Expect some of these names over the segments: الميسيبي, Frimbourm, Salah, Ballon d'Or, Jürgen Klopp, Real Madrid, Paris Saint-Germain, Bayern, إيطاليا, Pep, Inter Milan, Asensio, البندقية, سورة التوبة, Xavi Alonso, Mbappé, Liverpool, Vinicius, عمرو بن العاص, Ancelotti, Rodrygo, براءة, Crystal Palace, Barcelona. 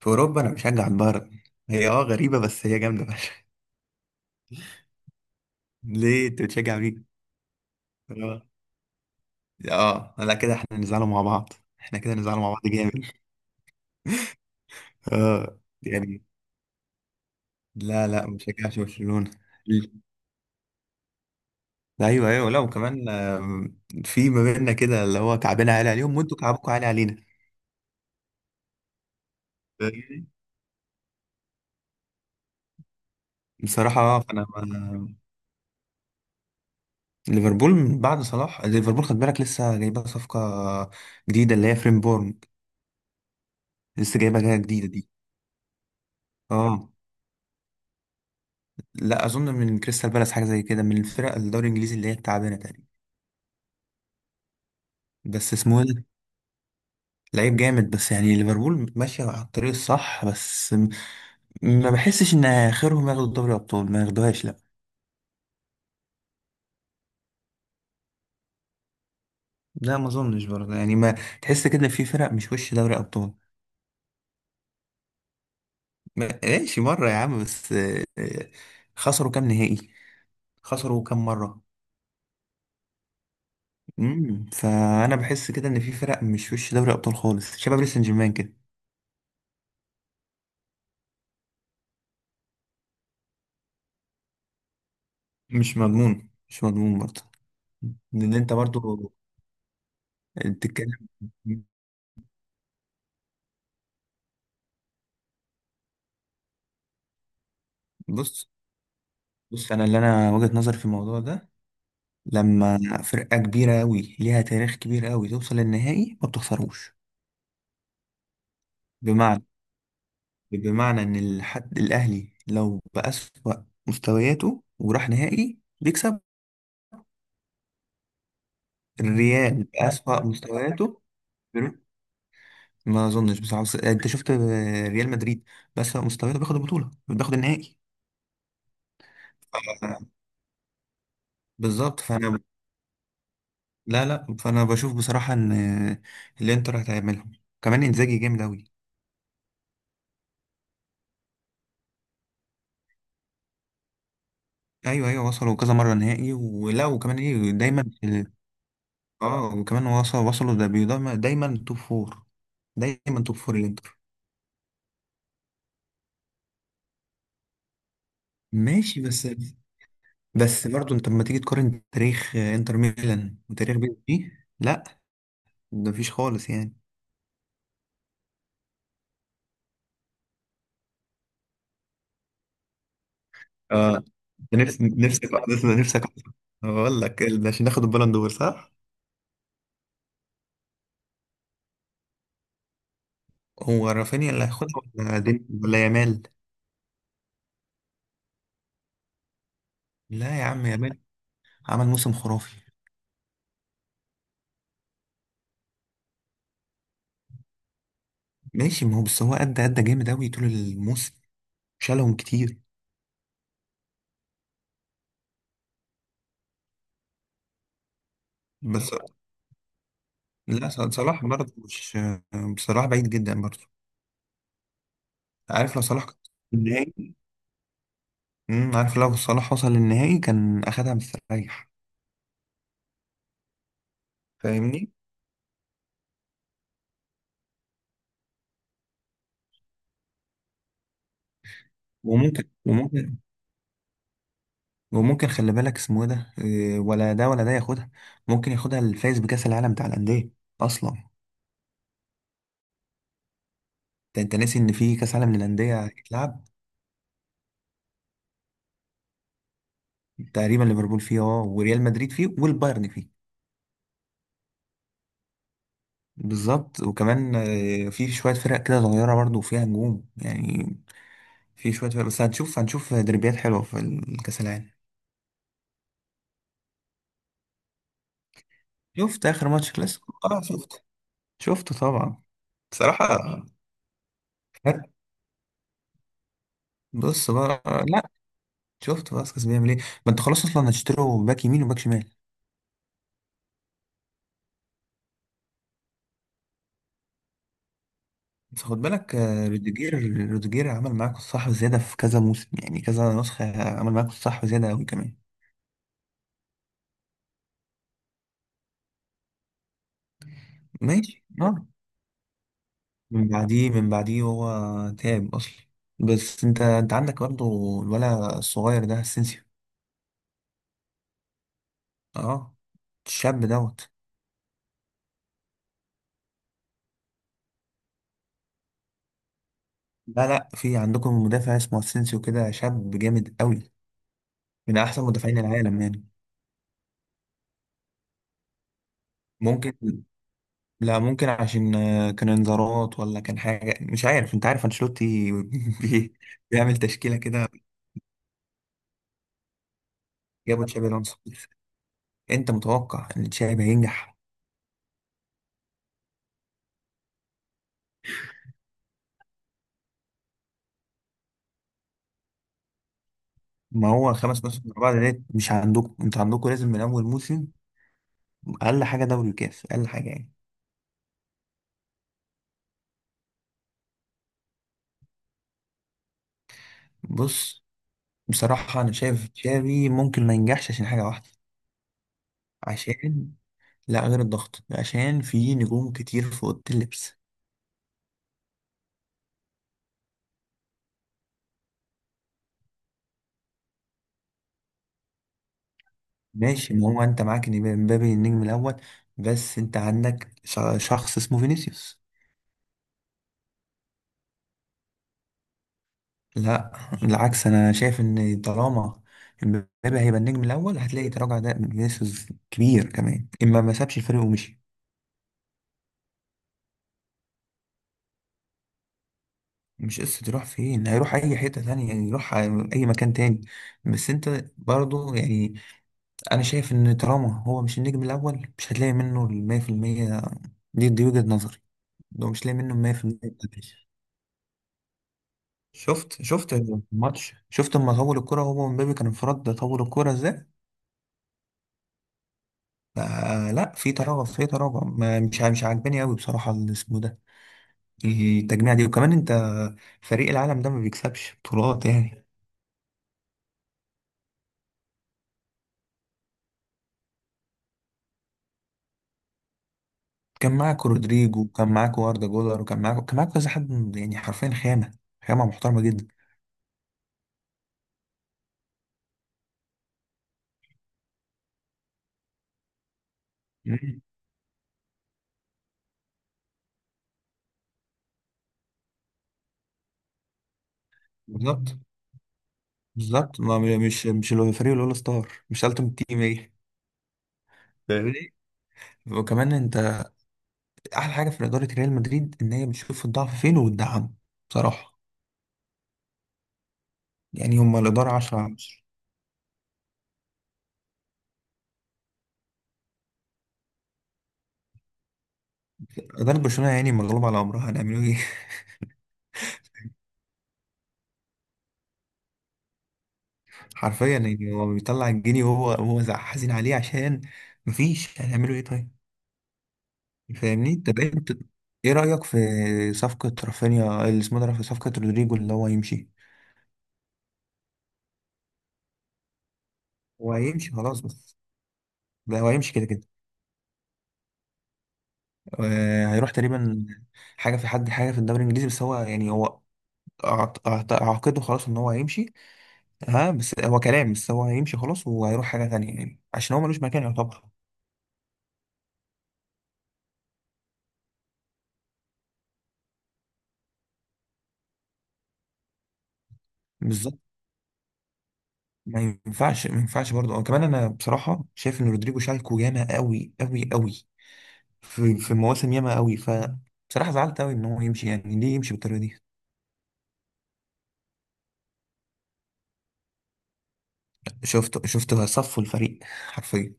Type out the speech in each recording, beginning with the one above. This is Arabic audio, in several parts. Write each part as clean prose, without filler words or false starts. في اوروبا انا بشجع البايرن. هي غريبه بس هي جامده فشخ. ليه انت بتشجع مين؟ اه اه، لا كده احنا نزعلوا مع بعض. احنا كده نزعلوا مع بعض جامد. اه يعني. لا لا، ما بشجعش برشلونه. لا، ايوه ايوه، لا وكمان في ما بيننا كده اللي هو كعبنا عالي عليهم وانتوا كعبكم عالي علينا. فاهمني؟ بصراحه فانا ليفربول من بعد صلاح، ليفربول خد بالك لسه جايبه صفقه جديده اللي هي فريمبورن. لسه جايبه جايه جديده دي. اه، لا اظن من كريستال بالاس، حاجه زي كده من الفرق الدوري الانجليزي اللي هي التعبانه تقريبا. بس اسمه ايه ده؟ لعيب جامد، بس يعني ليفربول ماشيه على الطريق الصح بس ما بحسش ان اخرهم ياخدوا دوري ابطال، ما ياخدوهاش لا. لا ما اظنش برضه، يعني ما تحس كده في فرق مش وش دوري ابطال. ماشي مره يا عم بس خسروا كام نهائي، خسروا كام مره. فانا بحس كده ان في فرق مش وش دوري ابطال خالص، شباب باريس سان جيرمان كده. مش مضمون، مش مضمون برضه. لان انت برضه بتتكلم. بص بص، انا وجهة نظري في الموضوع ده. لما فرقة كبيرة قوي ليها تاريخ كبير قوي توصل للنهائي ما بتخسروش. بمعنى بمعنى ان الحد الاهلي لو بأسوأ مستوياته وراح نهائي بيكسب. الريال بأسوأ مستوياته، بيرو- ما اظنش بصراحة. بس انت شفت ريال مدريد بأسوأ مستوياته بياخد البطولة، بياخد النهائي. ف- بالظبط. فانا لا لا، فانا بشوف بصراحه ان الانتر هتعملهم، كمان انزاجي جامد اوي. ايوه ايوه، وصلوا كذا مره نهائي، ولا وكمان ايه، دايما اه، وكمان وصلوا دايما توب فور، دايما توب فور الانتر. ماشي بس. بس برضه انت لما تيجي تقارن تاريخ انتر ميلان وتاريخ بي اس جي، لا ده مفيش خالص يعني. اه، ده نفسك. ده نفسك. بقول لك عشان ناخد البالون دور، صح؟ هو رافينيا اللي هياخدها ولا دين ولا يامال؟ لا يا عم، يامال عمل موسم خرافي. ماشي، ما هو بس هو أدى جامد أوي طول الموسم، شالهم كتير. بس لا صلاح برضه مش. صلاح بعيد جدا برضه. عارف لو صلاح كان في النهائي، عارف لو صلاح وصل للنهائي كان أخدها مستريح. فاهمني؟ وممكن وممكن، وممكن خلي بالك، اسمه إيه ده، إيه، ولا ده ولا ده ياخدها. ممكن ياخدها الفايز بكأس العالم بتاع الأندية أصلا. انت ناسي ان في كأس عالم للأندية هيتلعب. تقريبا ليفربول فيه، وريال مدريد فيه والبايرن فيه. بالظبط وكمان في شوية فرق كده صغيرة برضو فيها نجوم يعني، في شوية فرق. بس هنشوف دربيات حلوة في الكأس العالم. شفت آخر ماتش كلاسيكو؟ اه شفت، شفته طبعا. بصراحة فرق. بص بقى، لا، شفت باسكس بيعمل ايه؟ ما انت خلاص، اصلا هتشتروا باك يمين وباك شمال. بس خد بالك روديجير، روديجير عمل معاكوا الصح وزيادة في كذا موسم، يعني كذا نسخة عمل معاكوا الصح وزيادة أوي كمان. ماشي اه. من بعديه هو تعب اصلا. بس انت عندك برضه الولا الصغير ده، اسينسيو. اه، الشاب دوت. لا لا، في عندكم مدافع اسمه اسينسيو كده، شاب جامد قوي، من احسن مدافعين العالم يعني. ممكن، لا ممكن عشان كان انذارات ولا كان حاجه، مش عارف، انت عارف انشيلوتي بي- بيعمل تشكيله كده. جابوا تشابي الونسو. انت متوقع ان تشابي هينجح؟ ما هو 5 مواسم ورا بعض ديت مش عندكم، انت عندكم لازم من اول موسم. اقل حاجه دوري وكاس، اقل حاجه يعني. بص، بصراحه انا شايف تشافي ممكن ما ينجحش عشان حاجه واحده. عشان، لا غير الضغط، عشان في نجوم كتير في اوضه اللبس. ماشي، ما هو انت معاك إن مبابي النجم الاول بس انت عندك شخص اسمه فينيسيوس. لا بالعكس، انا شايف ان طالما مبابي هيبقى النجم الاول هتلاقي تراجع ده من فينيسيوس كبير كمان، اما ما سابش الفريق ومشي. مش قصة يروح فين، هيروح أي حتة تانية يعني، يروح أي مكان تاني. بس أنت برضو يعني، أنا شايف إن طالما هو مش النجم الأول مش هتلاقي منه المية في المية. دي وجهة نظري، لو مش لاقي منه المية في المية بتاعتي. شفت الماتش؟ شفت لما طول الكرة هو ومبابي كان انفراد ده، طول الكرة ازاي. فلا، في تراجع، في تراجع مش عاجباني قوي بصراحة، الاسم ده التجميع دي. وكمان انت، فريق العالم ده ما بيكسبش بطولات يعني. كان معاك رودريجو، وكان معاك واردا جولر، وكان معاك كان معاك كذا حد يعني حرفيا خامة، خامة محترمة جدا. مم. بالظبط. بالظبط ما مش اللي هو فريق الاول ستار، مش التيم تيم ايه. فاهمني؟ وكمان انت، احلى حاجة في إدارة ريال مدريد ان هي بتشوف الضعف فين وبتدعمه بصراحة. يعني هما الإدارة 10 على 10. إدارة برشلونة يعني مغلوبة على أمرها، هنعملوا إيه؟ حرفيا، يعني هو بيطلع الجنيه، وهو هو حزين عليه عشان مفيش. هنعملوا إيه طيب؟ فاهمني. طب انت ايه رأيك في صفقة رافينيا، اللي اسمه ده، في صفقة رودريجو اللي هو هيمشي. هو هيمشي خلاص، بس ده هو هيمشي كده كده. آه، هيروح تقريبا حاجة، في حد، حاجة في الدوري الإنجليزي. بس هو يعني هو أعتقده خلاص إن هو هيمشي. ها، بس هو كلام، بس هو هيمشي خلاص وهيروح حاجة تانية يعني، عشان هو ملوش مكان يعتبر. بالظبط ما ينفعش، ما ينفعش برضه. وكمان أنا بصراحة شايف إن رودريجو شالكو ياما قوي قوي قوي، في في مواسم ياما قوي. ف بصراحة زعلت قوي ان هو يمشي، يعني ليه يمشي بالطريقة دي؟ شفته صفوا الفريق حرفيا.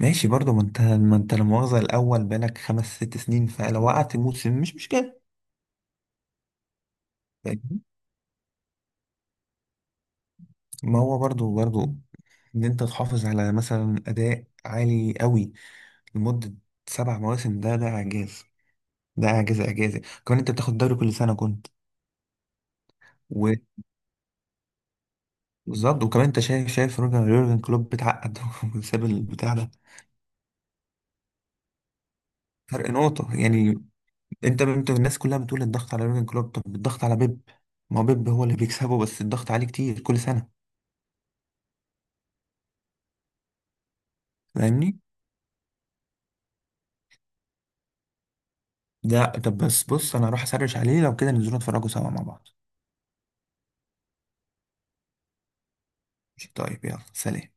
ماشي برضه، ما انت لا مؤاخذة الاول بقالك خمس ست سنين، فلو وقعت موسم مش مشكلة. فاهمني؟ ما هو برضه برضه، ان انت تحافظ على مثلا اداء عالي قوي لمدة 7 مواسم. ده اعجاز، ده اعجاز اعجازي. كمان انت بتاخد دوري كل سنة كنت. و- بالظبط. وكمان انت شايف روجر يورجن كلوب بيتعقد وساب البتاع ده. فرق نقطة يعني. انت الناس كلها بتقول الضغط على يورجن كلوب، طب الضغط على بيب. ما هو بيب هو اللي بيكسبه، بس الضغط عليه كتير كل سنه. فاهمني. لا طب بس، بص انا هروح اسرش عليه لو كده ننزلوا نتفرجوا سوا مع بعض. ماشي، طيب يلا سلام.